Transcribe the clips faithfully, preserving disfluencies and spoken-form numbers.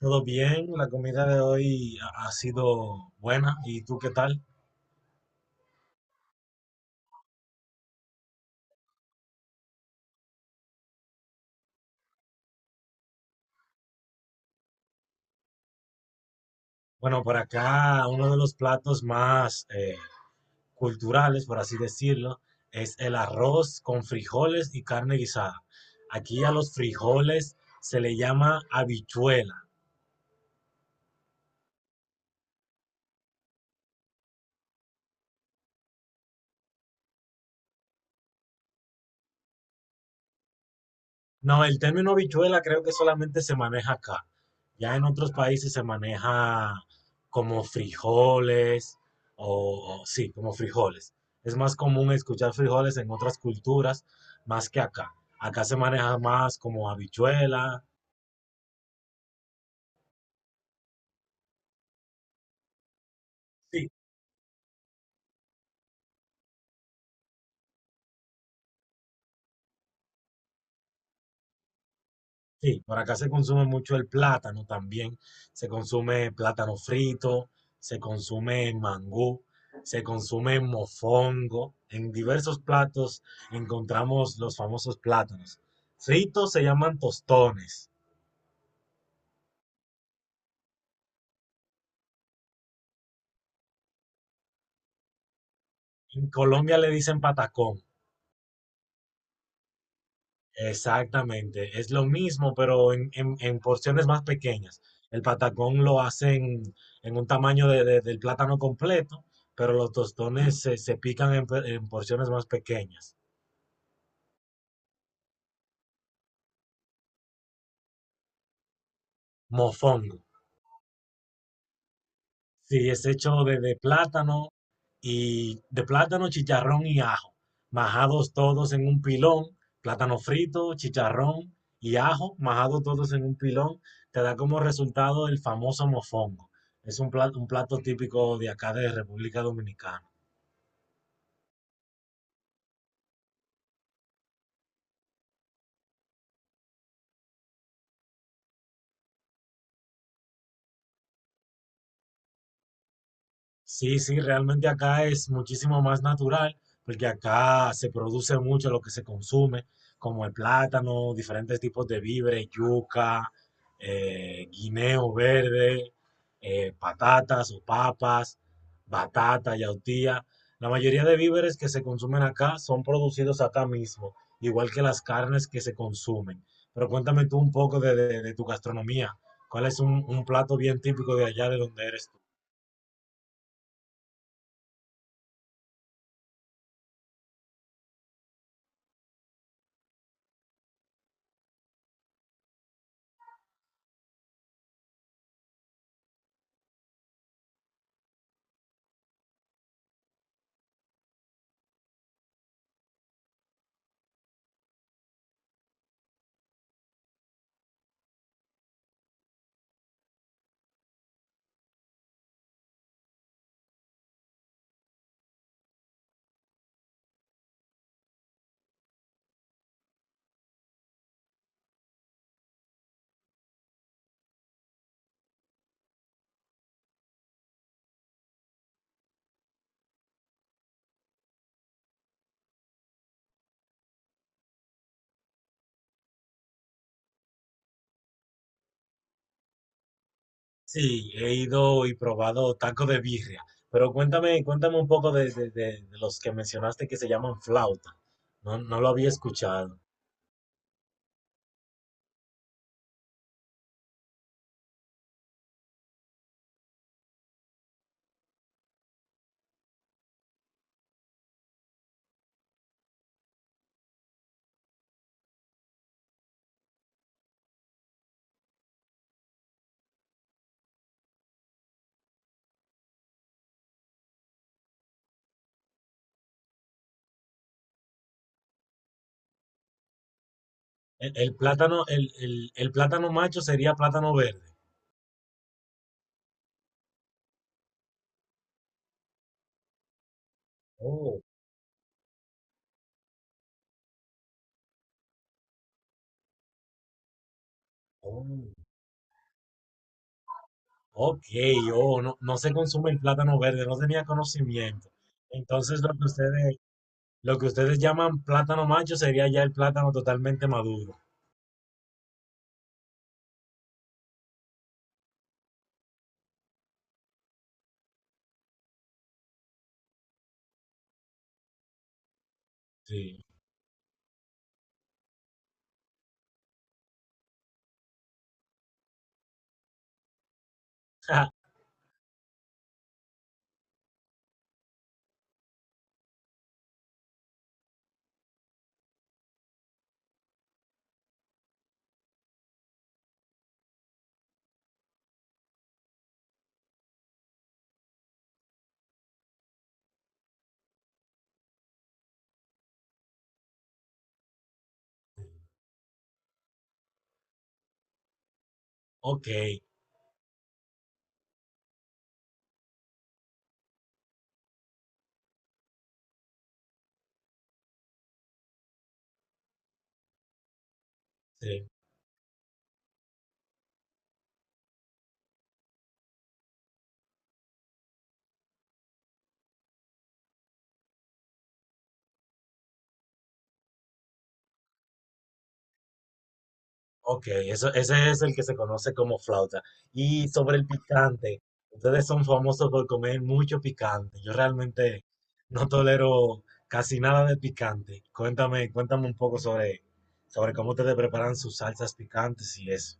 Todo bien, la comida de hoy ha ha sido buena. ¿Y tú qué tal? Bueno, por acá uno de los platos más eh, culturales, por así decirlo, es el arroz con frijoles y carne guisada. Aquí a los frijoles se le llama habichuela. No, el término habichuela creo que solamente se maneja acá. Ya en otros países se maneja como frijoles o, o sí, como frijoles. Es más común escuchar frijoles en otras culturas más que acá. Acá se maneja más como habichuela. Sí. Sí, por acá se consume mucho el plátano también. Se consume plátano frito, se consume mangú, se consume mofongo. En diversos platos encontramos los famosos plátanos. Fritos se llaman tostones. En Colombia le dicen patacón. Exactamente, es lo mismo, pero en, en- en porciones más pequeñas. El patacón lo hacen en un tamaño de- de- del plátano completo, pero los tostones se, se pican en, pe- en porciones más pequeñas. Mofongo. Sí, es hecho de, de plátano y de plátano, chicharrón y ajo, majados todos en un pilón, plátano frito, chicharrón y ajo, majados todos en un pilón, te da como resultado el famoso mofongo. Es un plato, un plato típico de acá de República Dominicana. Sí, sí, realmente acá es muchísimo más natural, porque acá se produce mucho lo que se consume, como el plátano, diferentes tipos de víveres, yuca, eh, guineo verde, eh, patatas o papas, batata, yautía. La mayoría de víveres que se consumen acá son producidos acá mismo, igual que las carnes que se consumen. Pero cuéntame tú un poco de, de- de tu gastronomía. ¿Cuál es un, un plato bien típico de allá de donde eres tú? Sí, he ido y probado taco de birria, pero cuéntame, cuéntame un poco de, de- de- de los que mencionaste que se llaman flauta. No, no lo había escuchado. El, el plátano, el, el- el plátano macho sería plátano verde. Oh, oh, ok, oh, no, no se consume el plátano verde, no tenía conocimiento. Entonces lo que ustedes, lo que ustedes llaman plátano macho sería ya el plátano totalmente maduro. Sí. Ok, sí. Ok, eso, ese es el que se conoce como flauta. Y sobre el picante, ustedes son famosos por comer mucho picante. Yo realmente no tolero casi nada de picante. Cuéntame, cuéntame un poco sobre, sobre cómo ustedes preparan sus salsas picantes y eso.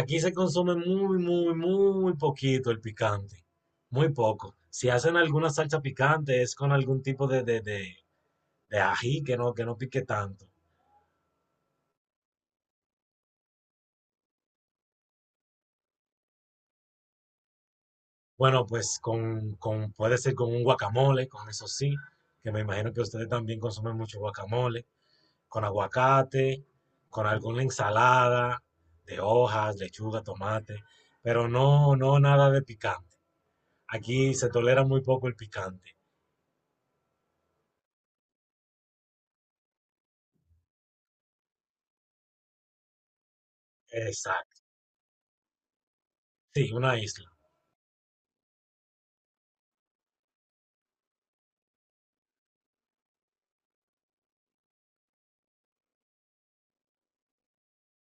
Aquí se consume muy, muy, muy poquito el picante. Muy poco. Si hacen alguna salsa picante es con algún tipo de, de, de, de ají que no, que no pique tanto. Bueno, pues con, con- puede ser con un guacamole, con eso sí, que me imagino que ustedes también consumen mucho guacamole, con aguacate, con alguna ensalada de hojas, lechuga, tomate, pero no, no nada de picante. Aquí se tolera muy poco el picante. Exacto. Sí, una isla.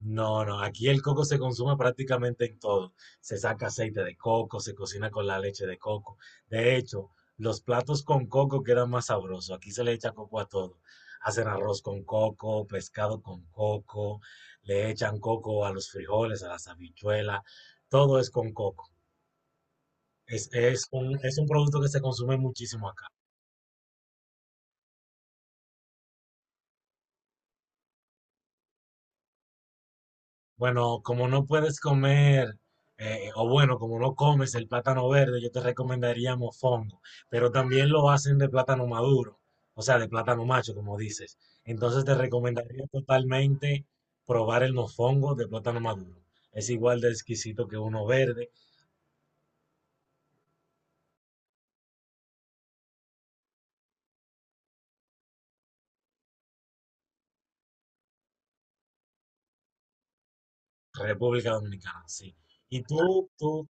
No, no, aquí el coco se consume prácticamente en todo. Se saca aceite de coco, se cocina con la leche de coco. De hecho, los platos con coco quedan más sabrosos. Aquí se le echa coco a todo. Hacen arroz con coco, pescado con coco, le echan coco a los frijoles, a las habichuelas. Todo es con coco. Es, es un, es un producto que se consume muchísimo acá. Bueno, como no puedes comer, eh, o bueno, como no comes el plátano verde, yo te recomendaría mofongo, pero también lo hacen de plátano maduro, o sea, de plátano macho, como dices. Entonces te recomendaría totalmente probar el mofongo de plátano maduro. Es igual de exquisito que uno verde, República Dominicana, sí. Y tú, tú,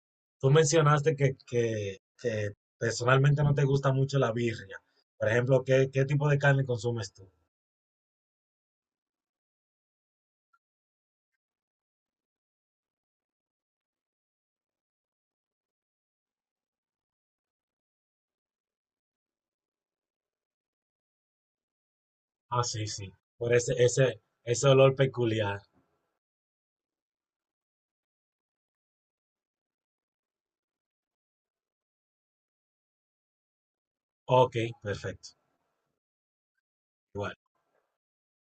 tú mencionaste que, que, que personalmente no te gusta mucho la birria. Por ejemplo, ¿qué, qué tipo de carne consumes tú? Ah, sí, sí. Por ese, ese, ese olor peculiar. Ok, perfecto. Igual.